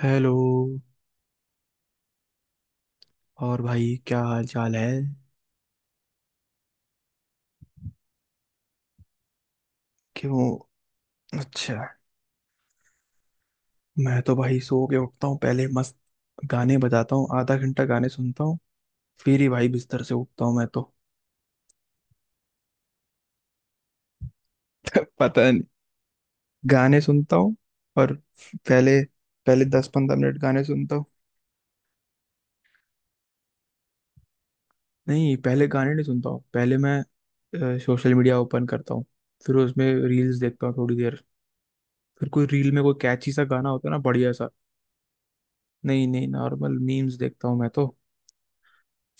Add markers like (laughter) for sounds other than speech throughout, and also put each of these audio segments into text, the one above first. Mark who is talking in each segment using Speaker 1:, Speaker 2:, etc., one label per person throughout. Speaker 1: Hello. और भाई क्या हाल चाल है? क्यों? अच्छा। मैं तो भाई सो के उठता हूँ पहले। मस्त गाने बजाता हूँ, आधा घंटा गाने सुनता हूँ। फिर ही भाई बिस्तर से उठता हूँ मैं तो। (laughs) पता नहीं। गाने सुनता हूँ। और पहले पहले 10 15 मिनट गाने सुनता हूँ। नहीं, पहले गाने नहीं सुनता हूँ। पहले मैं सोशल मीडिया ओपन करता हूँ। फिर उसमें रील्स देखता हूँ थोड़ी देर। फिर कोई रील में कोई कैची सा गाना होता है ना, बढ़िया सा। नहीं नहीं, नॉर्मल मीम्स देखता हूँ मैं तो।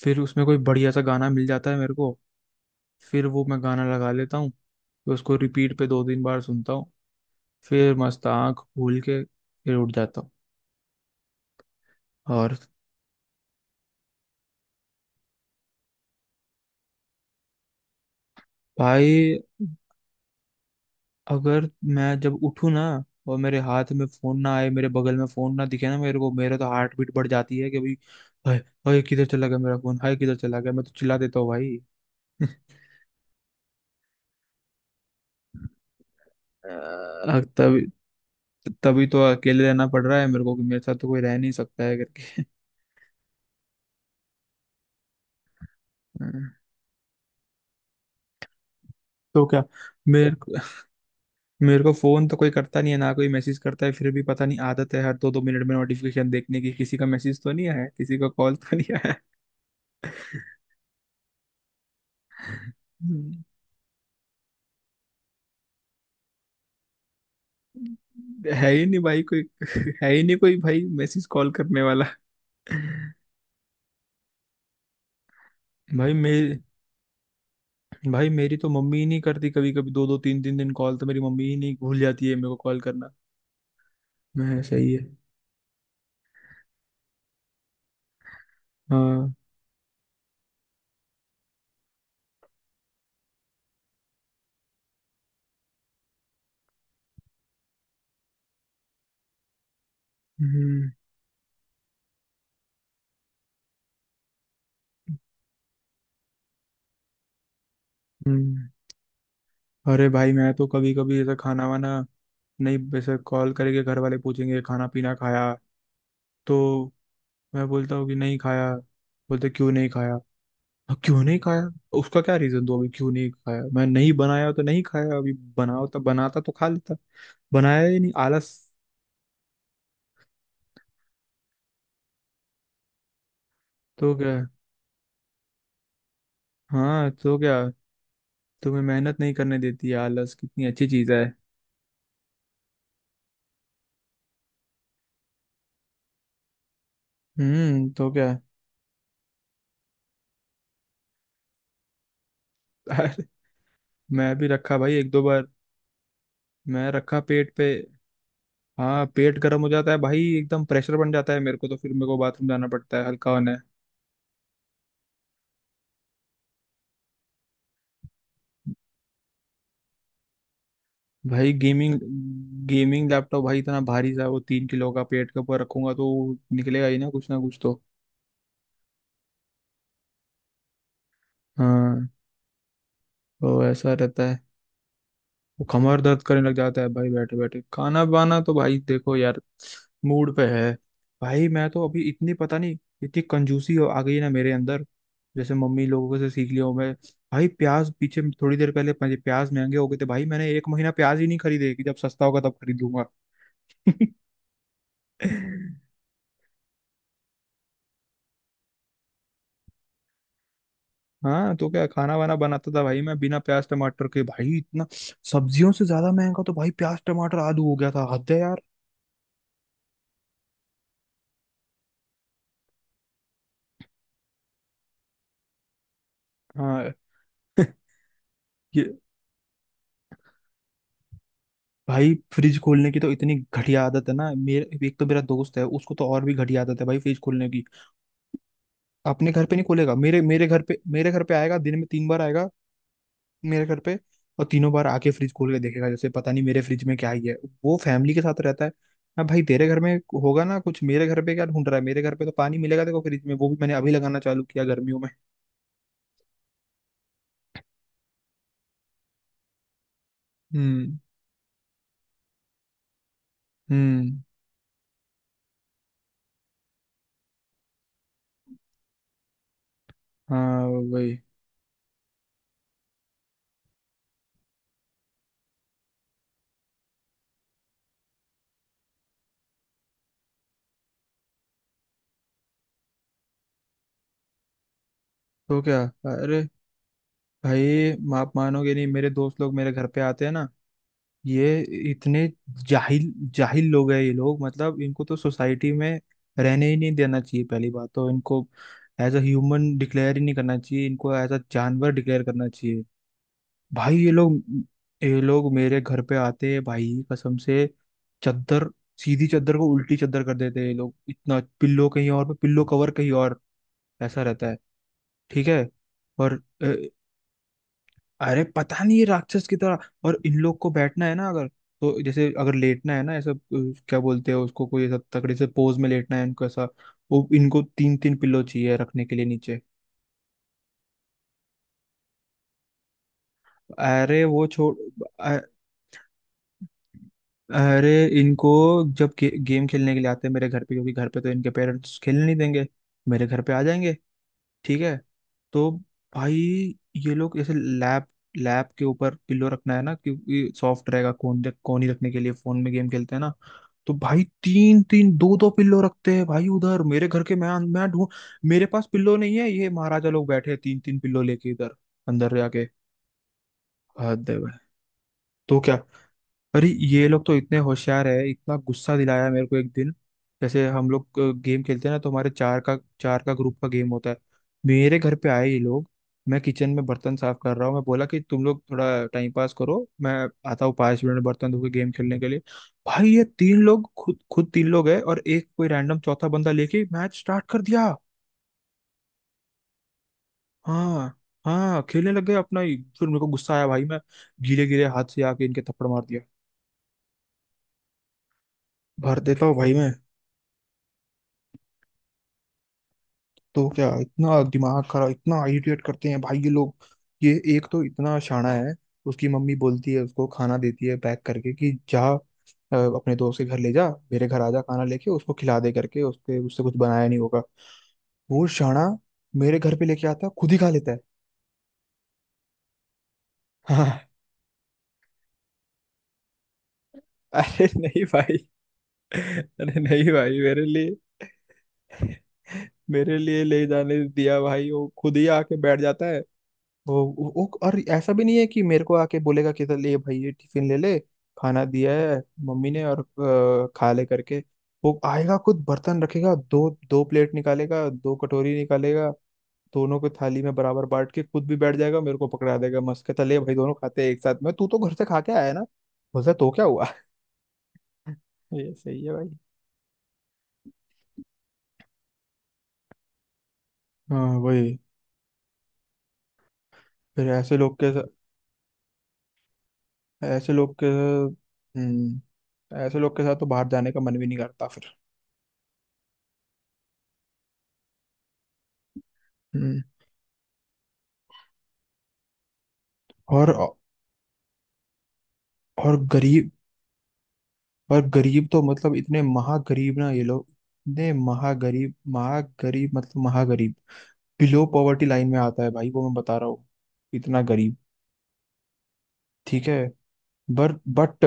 Speaker 1: फिर उसमें कोई बढ़िया सा गाना मिल जाता है मेरे को, फिर वो मैं गाना लगा लेता हूँ, फिर उसको रिपीट पे 2 3 बार सुनता हूँ। फिर मस्त आँख खोल के फिर उठ जाता हूँ। और भाई, अगर मैं जब उठूँ ना, और मेरे हाथ में फोन ना आए, मेरे बगल में फोन ना दिखे ना मेरे को, मेरा तो हार्ट बीट बढ़ जाती है कि भाई हाय, हाय किधर चला गया मेरा फोन, हाय किधर चला गया, मैं तो चिल्ला देता हूँ भाई। (laughs) अ, तभी तभी तो अकेले रहना पड़ रहा है मेरे को, कि मेरे साथ तो कोई रह नहीं सकता है करके। (laughs) तो क्या। मेरे को- मेरे को फोन तो कोई करता नहीं है, ना कोई मैसेज करता है। फिर भी पता नहीं, आदत है हर दो दो मिनट में नोटिफिकेशन देखने की, किसी का मैसेज तो नहीं आया है, किसी का कॉल तो नहीं आया है। हम्म। है ही नहीं भाई कोई। (laughs) है ही नहीं कोई भाई मैसेज कॉल करने वाला। भाई मेरी भाई मेरी तो मम्मी ही नहीं करती, कभी कभी दो दो तीन तीन दिन। कॉल तो मेरी मम्मी ही, नहीं भूल जाती है मेरे को कॉल करना। मैं सही है। हाँ। हम्म। हम्म। अरे भाई, मैं तो कभी कभी ऐसा खाना वाना, नहीं, वैसे कॉल करेंगे घर वाले, पूछेंगे खाना पीना खाया, तो मैं बोलता हूँ कि नहीं खाया। बोलते क्यों नहीं खाया। हाँ, क्यों नहीं खाया, उसका क्या रीजन दो, अभी क्यों नहीं खाया। मैं नहीं बनाया तो नहीं खाया, अभी बनाओ तो बनाता तो खा लेता। बनाया ही नहीं, आलस। तो क्या है? हाँ तो क्या। तुम्हें मेहनत नहीं करने देती है आलस, कितनी अच्छी चीज है। तो क्या। (laughs) अरे मैं भी रखा भाई एक दो बार। मैं रखा पेट पे। हाँ पेट गर्म हो जाता है भाई, एकदम प्रेशर बन जाता है मेरे को। तो फिर मेरे को बाथरूम जाना पड़ता है हल्का होने। भाई गेमिंग गेमिंग लैपटॉप भाई, इतना भारी सा वो, 3 किलो का, पेट के ऊपर रखूंगा तो वो निकलेगा ही ना कुछ तो। हाँ, तो ऐसा रहता है। वो कमर दर्द करने लग जाता है भाई बैठे बैठे। खाना बाना तो भाई देखो यार, मूड पे है। भाई मैं तो अभी इतनी पता नहीं, इतनी कंजूसी आ गई है ना मेरे अंदर। जैसे मम्मी लोगों से सीख लिया हूं मैं। भाई प्याज, पीछे थोड़ी देर पहले मुझे प्याज महंगे हो गए थे भाई, मैंने 1 महीना प्याज ही नहीं खरीदे, कि जब सस्ता होगा तब खरीदूंगा। (laughs) हाँ तो क्या खाना वाना बनाता था भाई मैं बिना प्याज टमाटर के। भाई इतना, सब्जियों से ज्यादा महंगा तो भाई प्याज टमाटर आलू हो गया था, हद है यार। हाँ। (laughs) ये, भाई फ्रिज खोलने की तो इतनी घटिया आदत है ना मेरे। एक तो मेरा दोस्त है, उसको तो और भी घटिया आदत है भाई फ्रिज खोलने की। अपने घर पे नहीं खोलेगा, मेरे मेरे घर पे, मेरे घर पे आएगा, दिन में 3 बार आएगा। मेरे घर पे। और तीनों बार आके फ्रिज खोल के देखेगा, जैसे पता नहीं मेरे फ्रिज में क्या ही है। वो फैमिली के साथ रहता है। अब भाई तेरे घर में होगा ना कुछ, मेरे घर पे क्या ढूंढ रहा है? मेरे घर पे तो पानी मिलेगा, देखो फ्रिज में, वो भी मैंने अभी लगाना चालू किया गर्मियों में। हम्म। हम्म। हाँ वही। तो क्या। अरे भाई, आप मानोगे नहीं, मेरे दोस्त लोग मेरे घर पे आते हैं ना, ये इतने जाहिल जाहिल लोग हैं ये लोग, मतलब इनको तो सोसाइटी में रहने ही नहीं देना चाहिए पहली बात तो। इनको एज अ ह्यूमन डिक्लेयर ही नहीं करना चाहिए, इनको एज अ जानवर डिक्लेयर करना चाहिए। भाई ये लोग मेरे घर पे आते हैं भाई कसम से। चद्दर, सीधी चद्दर को उल्टी चद्दर कर देते हैं ये लोग। इतना, पिल्लो कहीं और पे, पिल्लो कवर कहीं और। ऐसा रहता है। ठीक है। और अरे पता नहीं, ये राक्षस की तरह। और इन लोग को बैठना है ना अगर, तो जैसे अगर लेटना है ना, ऐसा क्या बोलते हैं उसको, कोई ऐसा तकड़े से पोज में लेटना है इनको। ऐसा वो इनको तीन तीन पिल्लो चाहिए रखने के लिए नीचे। अरे वो छोड़। अ- अरे, इनको जब गेम खेलने के लिए आते हैं मेरे घर पे, क्योंकि घर पे तो इनके पेरेंट्स खेलने नहीं देंगे, मेरे घर पे आ जाएंगे। ठीक है। तो भाई ये लोग ऐसे, लैब लैब के ऊपर पिल्लो रखना है ना, क्योंकि सॉफ्ट रहेगा, कोन कोनी रखने के लिए, फोन में गेम खेलते हैं ना। तो भाई तीन तीन दो दो पिल्लो रखते हैं भाई उधर। मेरे घर के, मैं ढूंढ, मेरे पास पिल्लो नहीं है, ये महाराजा लोग बैठे हैं तीन तीन पिल्लो लेके इधर, अंदर जाके। हद है भाई, तो क्या। अरे ये लोग तो इतने होशियार है, इतना गुस्सा दिलाया मेरे को 1 दिन। जैसे हम लोग गेम खेलते हैं ना, तो हमारे चार का ग्रुप का गेम होता है। मेरे घर पे आए ये लोग, मैं किचन में बर्तन साफ कर रहा हूँ, मैं बोला कि तुम लोग थोड़ा टाइम पास करो, मैं आता हूँ 5 मिनट में बर्तन धो के गेम खेलने के लिए। भाई ये तीन लोग, खुद खुद तीन लोग है, और एक कोई रैंडम चौथा बंदा लेके मैच स्टार्ट कर दिया। हाँ। हाँ खेलने लग गए अपना ही। फिर मेरे को गुस्सा आया भाई, मैं गीले गीले हाथ से आके इनके थप्पड़ मार दिया, भर देता हूँ भाई मैं। तो क्या, इतना दिमाग खराब, इतना इरिटेट करते हैं भाई ये लोग। ये एक तो इतना शाना है, उसकी मम्मी बोलती है उसको, खाना देती है पैक करके, कि जा, अपने दोस्त के घर ले जा, मेरे घर आ जा खाना लेके उसको खिला दे करके। उसके, उससे कुछ बनाया नहीं होगा वो शाना, मेरे घर पे लेके आता है खुद ही खा लेता है। हाँ। अरे नहीं भाई अरे नहीं भाई मेरे लिए ले जाने दिया भाई, वो खुद ही आके बैठ जाता है। और ऐसा भी नहीं है कि मेरे को आके बोलेगा कि, तो ले भाई ये टिफिन ले ले, खाना दिया है मम्मी ने, और खा ले करके। वो आएगा, खुद बर्तन रखेगा, दो दो प्लेट निकालेगा, दो कटोरी निकालेगा, दोनों को थाली में बराबर बांट के खुद भी बैठ जाएगा, मेरे को पकड़ा देगा मस्त, कहता ले भाई दोनों खाते हैं एक साथ में, तू तो घर से खा के आया है ना, बोलता तो क्या हुआ। (laughs) ये सही है भाई। हाँ वही। फिर ऐसे लोग के साथ, ऐसे लोग के, हम्म, ऐसे लोग के साथ तो बाहर जाने का मन भी नहीं करता फिर। हम्म। और और गरीब, और गरीब तो मतलब इतने महागरीब ना ये लोग, इतने महागरीब, महागरीब मतलब महागरीब। बिलो पॉवर्टी लाइन में आता है भाई वो, मैं बता रहा हूँ, इतना गरीब। ठीक है। बर बट,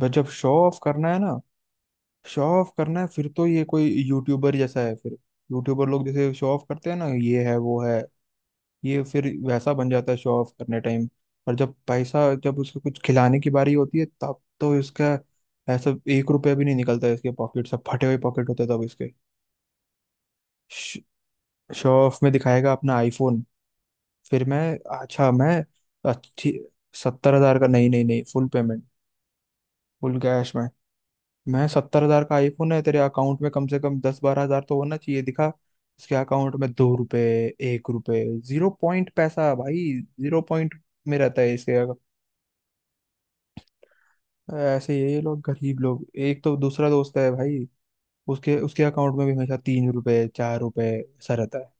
Speaker 1: जब शो ऑफ करना है ना, शो ऑफ करना है, फिर तो ये कोई यूट्यूबर जैसा है फिर। यूट्यूबर लोग जैसे शो ऑफ करते हैं ना, ये है वो है, ये फिर वैसा बन जाता है शो ऑफ करने टाइम। और जब पैसा, जब उसको कुछ खिलाने की बारी होती है तब तो इसका, ऐसा 1 रुपया भी नहीं निकलता है इसके पॉकेट से, फटे हुए पॉकेट होते हैं तब इसके। शो ऑफ में दिखाएगा अपना आईफोन। फिर मैं, अच्छा मैं अच्छी, 70,000 का, नहीं नहीं नहीं, फुल पेमेंट, फुल कैश में। मैं, 70,000 का आईफोन है तेरे, अकाउंट में कम से कम 10 12 हजार तो होना चाहिए, दिखा। इसके अकाउंट में 2 रुपए, 1 रुपए, जीरो पॉइंट पैसा भाई। जीरो पॉइंट में रहता है इसके। ऐसे ही है ये लोग, गरीब लोग। एक तो, दूसरा दोस्त है भाई, उसके उसके अकाउंट में भी हमेशा 3 रुपए 4 रुपए, ऐसा रहता है।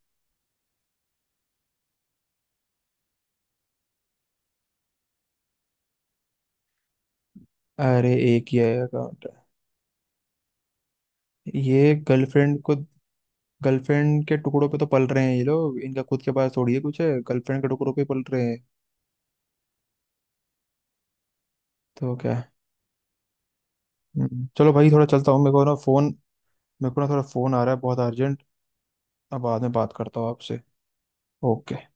Speaker 1: अरे एक ही है अकाउंट। ये गर्लफ्रेंड को, गर्लफ्रेंड के टुकड़ों पे तो पल रहे हैं ये लोग, इनका खुद के पास थोड़ी है कुछ, है गर्लफ्रेंड के टुकड़ों पे पल रहे हैं। तो क्या। चलो भाई, थोड़ा चलता हूँ मेरे को ना, फोन, मेरे को ना थोड़ा फोन आ रहा है बहुत अर्जेंट। अब बाद में बात करता हूँ आपसे। ओके।